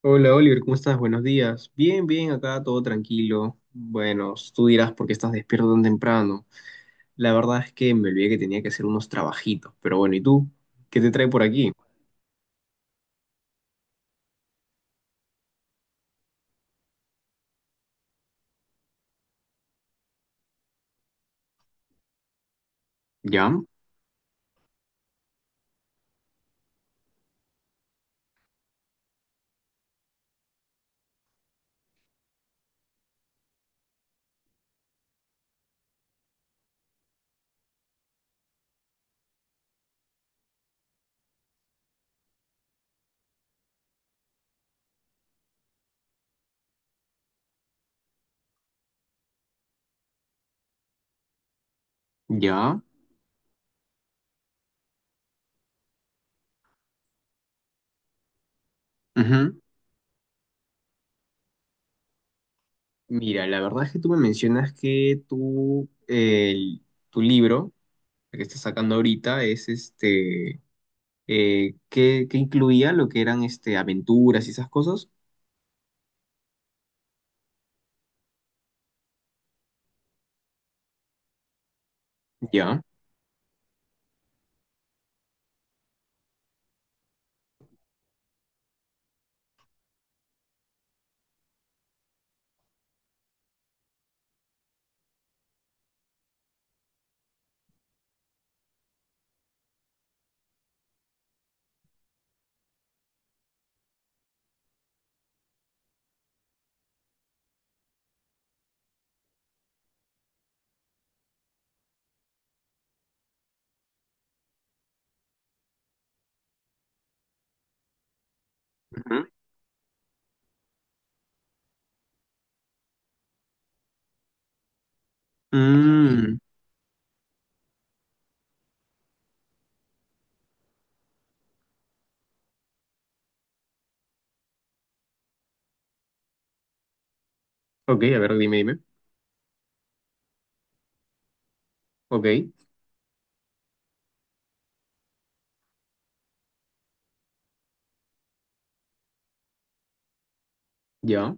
Hola Oliver, ¿cómo estás? Buenos días. Bien, acá todo tranquilo. Bueno, tú dirás por qué estás despierto tan temprano. La verdad es que me olvidé que tenía que hacer unos trabajitos, pero bueno, ¿y tú? ¿Qué te trae por aquí? ¿Ya? ¿Ya? Ujú. Mira, la verdad es que tú me mencionas que tú, tu libro, el que estás sacando ahorita, es que incluía lo que eran este, aventuras y esas cosas. ¿Ya? Ujú. Mm, ok, a ver, dime. Ok, ya.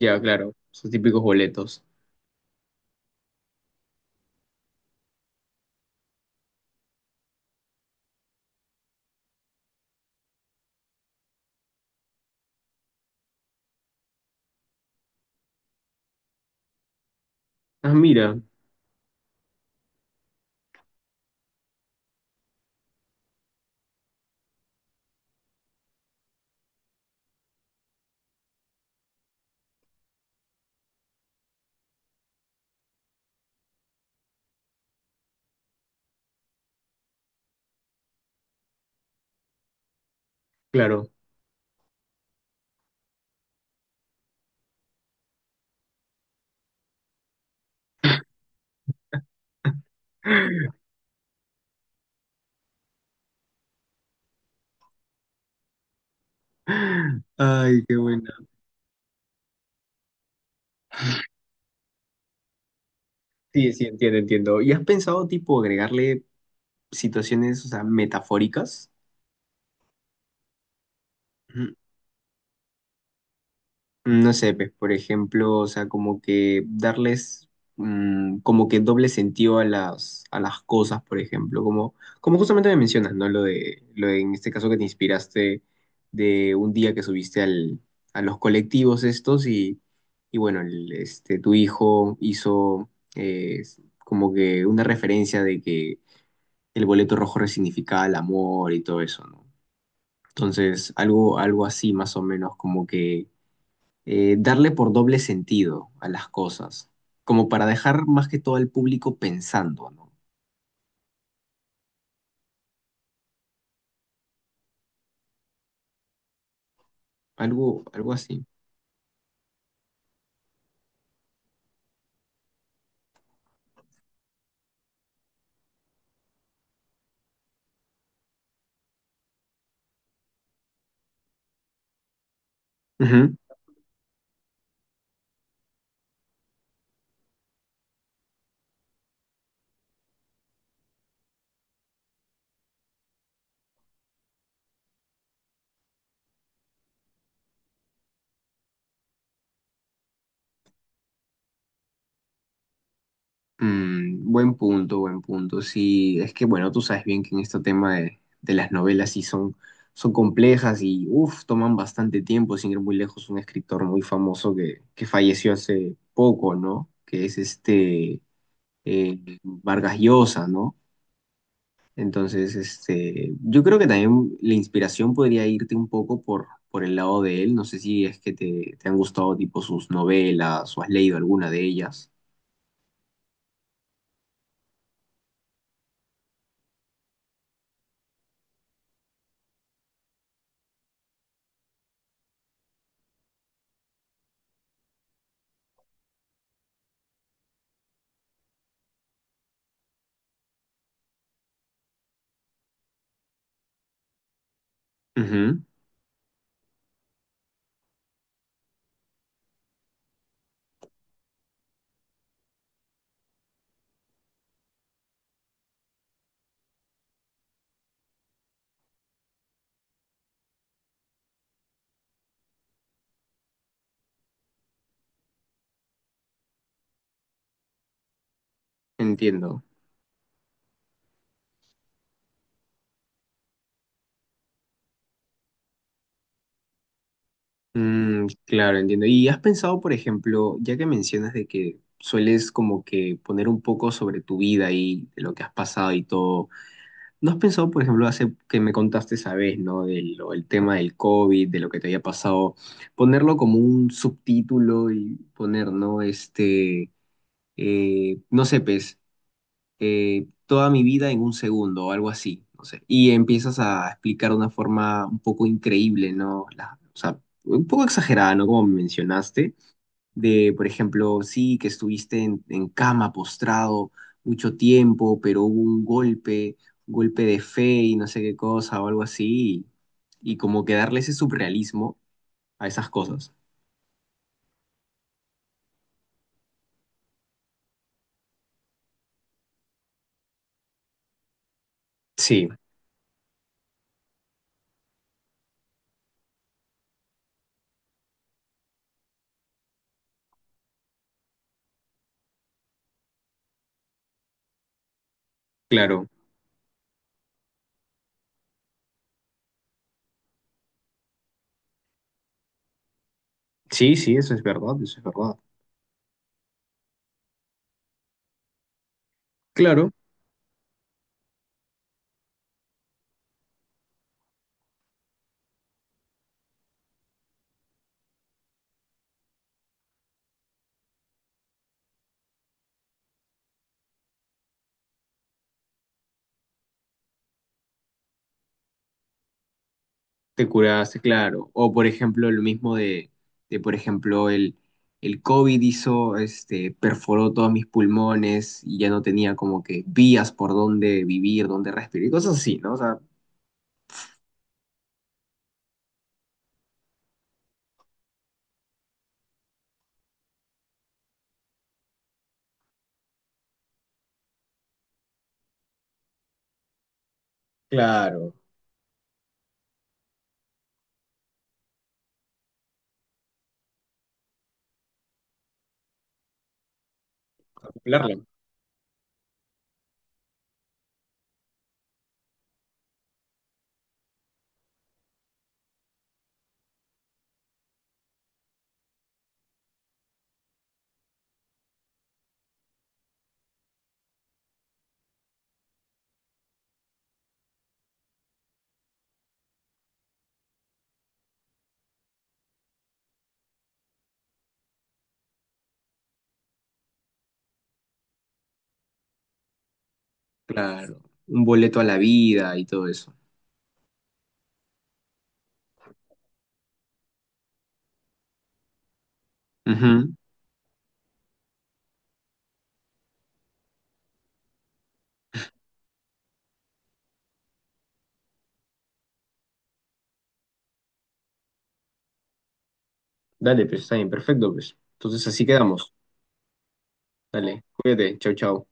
Ya, claro, esos típicos boletos. Ah, mira, claro. Ay, qué buena. Sí, entiendo. ¿Y has pensado, tipo, agregarle situaciones, o sea, metafóricas? No sé, pues, por ejemplo, o sea, como que darles como que doble sentido a las cosas, por ejemplo, como, como justamente me mencionas, ¿no? Lo de, en este caso que te inspiraste de un día que subiste a los colectivos estos y bueno, tu hijo hizo eh, como que una referencia de que el boleto rojo resignificaba el amor y todo eso, ¿no? Entonces, algo así más o menos como que darle por doble sentido a las cosas, como para dejar más que todo al público pensando, ¿no? Algo así. Ujú. Buen punto. Sí, es que bueno, tú sabes bien que en este tema de las novelas sí son complejas y uff, toman bastante tiempo, sin ir muy lejos, un escritor muy famoso que falleció hace poco, ¿no? Que es Vargas Llosa, ¿no? Entonces, este, yo creo que también la inspiración podría irte un poco por el lado de él. No sé si es que te han gustado tipo sus novelas o has leído alguna de ellas. Ujú. Entiendo. Mm, claro, entiendo. ¿Y has pensado, por ejemplo, ya que mencionas de que sueles como que poner un poco sobre tu vida y de lo que has pasado y todo? ¿No has pensado, por ejemplo, hace que me contaste esa vez, ¿no? Del, el tema del COVID, de lo que te había pasado, ponerlo como un subtítulo y poner, ¿no? Este, no sé, pues, toda mi vida en un segundo o algo así, no sé. Y empiezas a explicar de una forma un poco increíble, ¿no? O sea, un poco exagerada, ¿no? Como mencionaste de, por ejemplo, sí, que estuviste en cama postrado mucho tiempo, pero hubo un golpe de fe y no sé qué cosa o algo así, y como que darle ese surrealismo a esas cosas. Sí, claro. Sí, eso es verdad. Claro, te curaste, claro. O por ejemplo, lo mismo de por ejemplo, el COVID hizo, este, perforó todos mis pulmones y ya no tenía como que vías por dónde vivir, dónde respirar y cosas así, ¿no? O sea, claro, a cumpleaños. Claro, un boleto a la vida y todo eso. Ujú. Dale, pues está bien, perfecto, pues. Entonces así quedamos. Dale, cuídate, chau, chau.